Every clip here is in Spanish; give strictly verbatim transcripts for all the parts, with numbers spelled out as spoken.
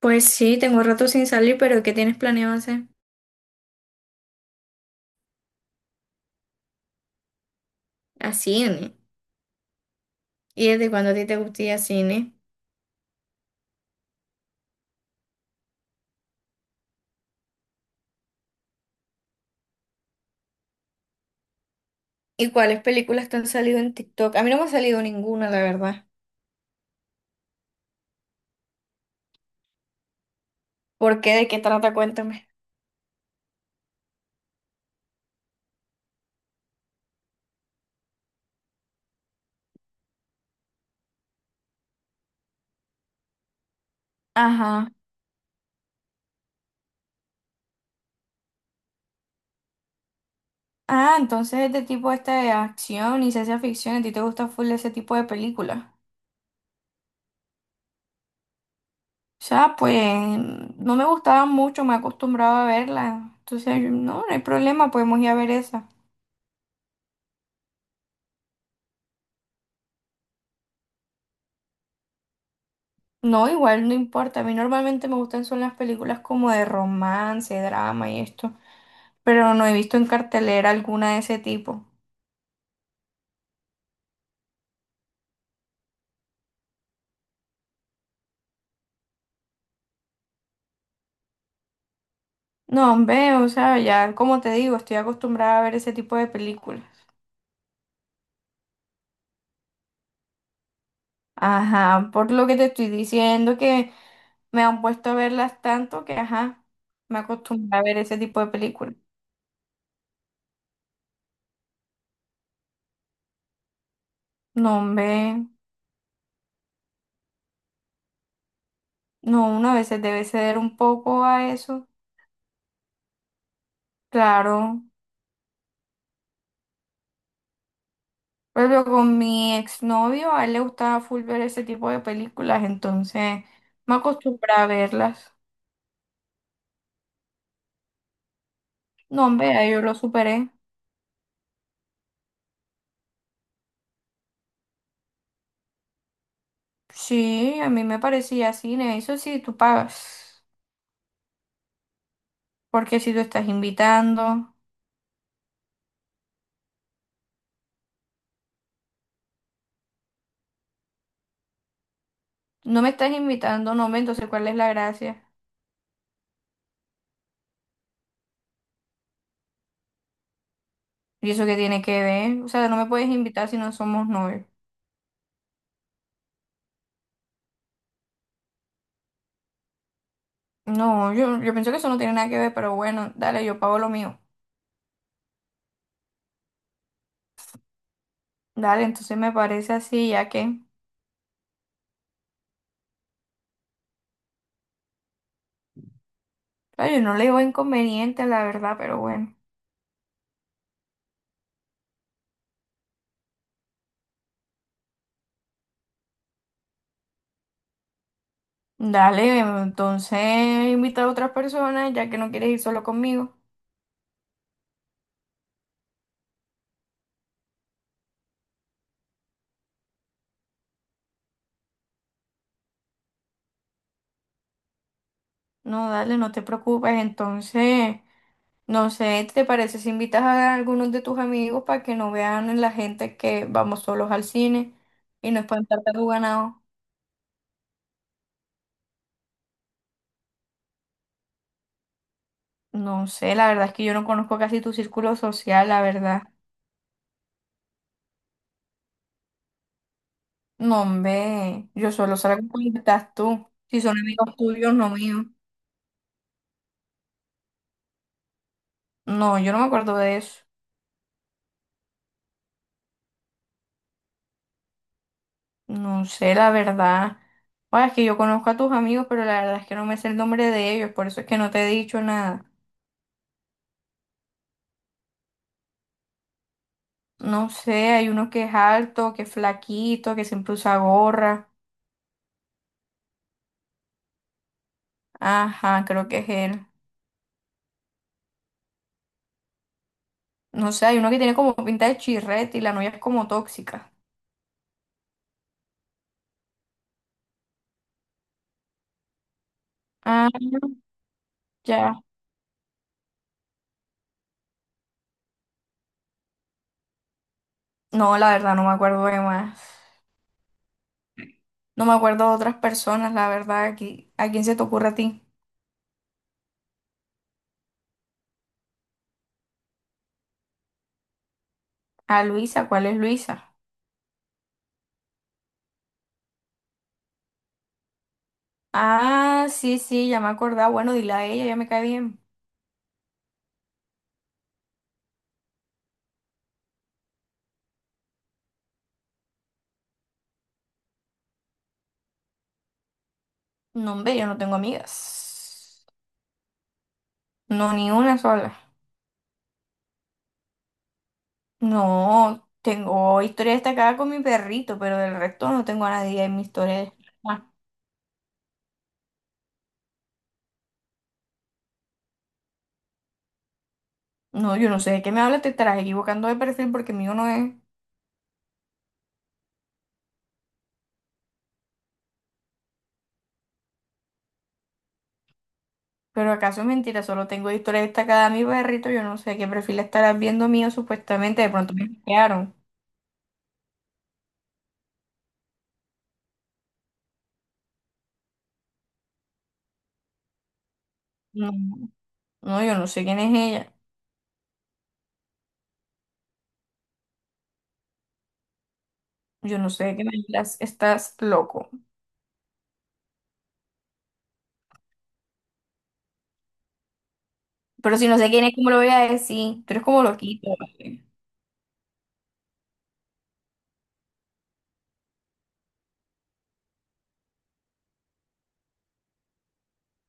Pues sí, tengo rato sin salir, pero ¿qué tienes planeado hacer? A cine. ¿Y desde cuándo a ti te gusta ir a cine? ¿Y cuáles películas te han salido en TikTok? A mí no me ha salido ninguna, la verdad. ¿Por qué? ¿De qué trata? Cuéntame. Ajá. Ah, entonces este tipo este de acción y ciencia ficción, ¿a ti te gusta full ese tipo de películas? O sea, pues no me gustaban mucho, me acostumbraba a verlas. Entonces, no, no hay problema, podemos ir a ver esa. No, igual no importa. A mí normalmente me gustan son las películas como de romance, drama y esto, pero no he visto en cartelera alguna de ese tipo. No, hombre, o sea, ya como te digo, estoy acostumbrada a ver ese tipo de películas. Ajá, por lo que te estoy diciendo que me han puesto a verlas tanto que, ajá, me acostumbré a ver ese tipo de películas. No, hombre, no, uno a veces debe ceder un poco a eso. Claro. Por ejemplo, con mi exnovio, a él le gustaba full ver ese tipo de películas, entonces me acostumbré a verlas. No, hombre, ya yo lo superé. Sí, a mí me parecía cine, eso sí, tú pagas. Porque si tú estás invitando, no me estás invitando, no me, entonces ¿cuál es la gracia? ¿Y eso qué tiene que ver? O sea, no me puedes invitar si no somos novios. No, yo, yo pienso que eso no tiene nada que ver, pero bueno, dale, yo pago lo mío. Dale, entonces me parece así, ya que, claro, yo no le veo inconveniente, la verdad, pero bueno. Dale, entonces invita a otras personas ya que no quieres ir solo conmigo. No, dale, no te preocupes. Entonces, no sé, ¿te parece si invitas a algunos de tus amigos para que no vean la gente que vamos solos al cine y no espantarte a tu ganado? No sé, la verdad es que yo no conozco casi tu círculo social, la verdad. No, hombre, yo solo salgo cuando estás tú. Si son amigos tuyos, no míos. No, yo no me acuerdo de eso. No sé, la verdad. O es que yo conozco a tus amigos, pero la verdad es que no me sé el nombre de ellos, por eso es que no te he dicho nada. No sé, hay uno que es alto, que es flaquito, que siempre usa gorra. Ajá, creo que es él. No sé, hay uno que tiene como pinta de chirrete y la novia es como tóxica. Ah, ya. No, la verdad, no me acuerdo de más. No me acuerdo de otras personas, la verdad. Aquí, ¿a quién se te ocurre a ti? A Luisa, ¿cuál es Luisa? Ah, sí, sí, ya me acordaba. Bueno, dile a ella, ya me cae bien. No, hombre, yo no tengo amigas. No, ni una sola. No, tengo historia destacada con mi perrito, pero del resto no tengo a nadie en mi historia destacada. No, yo no sé de qué me hablas, te estarás equivocando de perfil porque mío no es. Pero acaso es mentira, solo tengo historia destacada a mi perrito, yo no sé qué perfil estarás viendo mío supuestamente, de pronto me hackearon. No, no, yo no sé quién es ella. Yo no sé de qué me hablas, estás loco. Pero si no sé quién es, ¿cómo lo voy a decir? Tú eres como loquito. ¿Vale?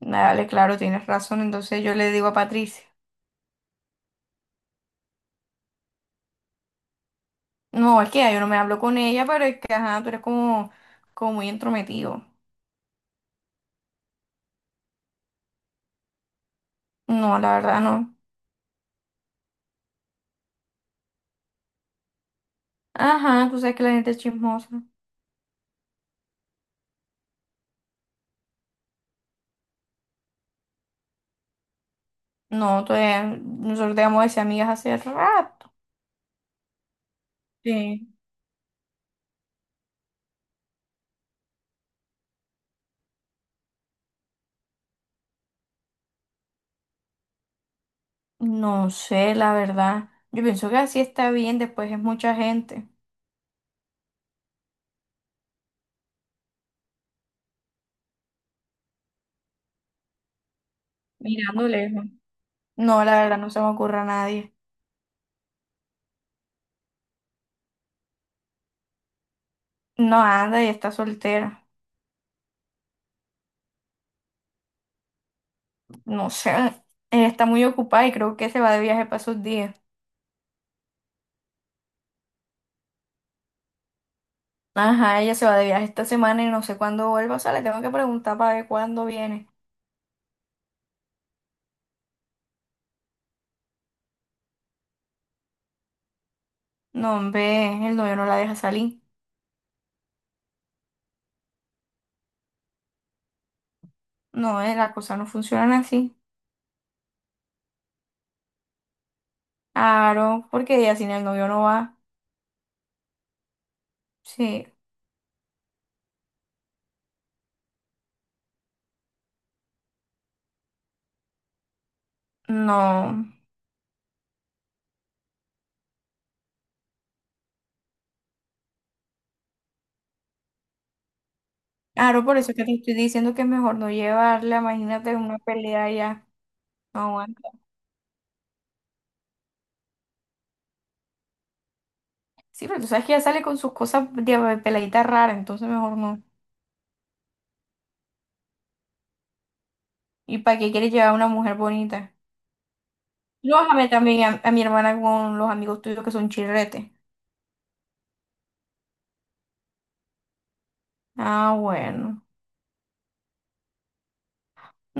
Dale, claro, tienes razón. Entonces yo le digo a Patricia, no, es que ya yo no me hablo con ella, pero es que, ajá, tú eres como, como muy entrometido. No, la verdad no. Ajá, tú sabes que la gente es chismosa. No, todavía- nosotros dejamos de ser amigas hace rato. Sí. No sé, la verdad. Yo pienso que así está bien, después es mucha gente. Mirando lejos. No, la verdad no se me ocurre a nadie. No anda y está soltera. No sé, ella está muy ocupada y creo que se va de viaje para esos días. Ajá, ella se va de viaje esta semana y no sé cuándo vuelva. O sea, le tengo que preguntar para ver cuándo viene. No, hombre, el novio no la deja salir. No, eh, las cosas no funcionan así. Aro, porque ella sin el novio no va. Sí, no. Aro, por eso es que te estoy diciendo que es mejor no llevarla. Imagínate una pelea ya. No aguanta. Sí, pero tú sabes que ella sale con sus cosas de peladita rara, entonces mejor no. ¿Y para qué quieres llevar a una mujer bonita? Lójame también a, a mi hermana con los amigos tuyos que son chirretes. Ah, bueno.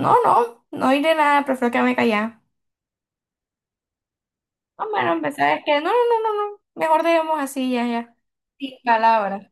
No, no, no iré nada, prefiero quedarme callada. No, bueno, empezar es que no, no, no, no, no. Mejor dejemos así, ya, ya. Sin palabras.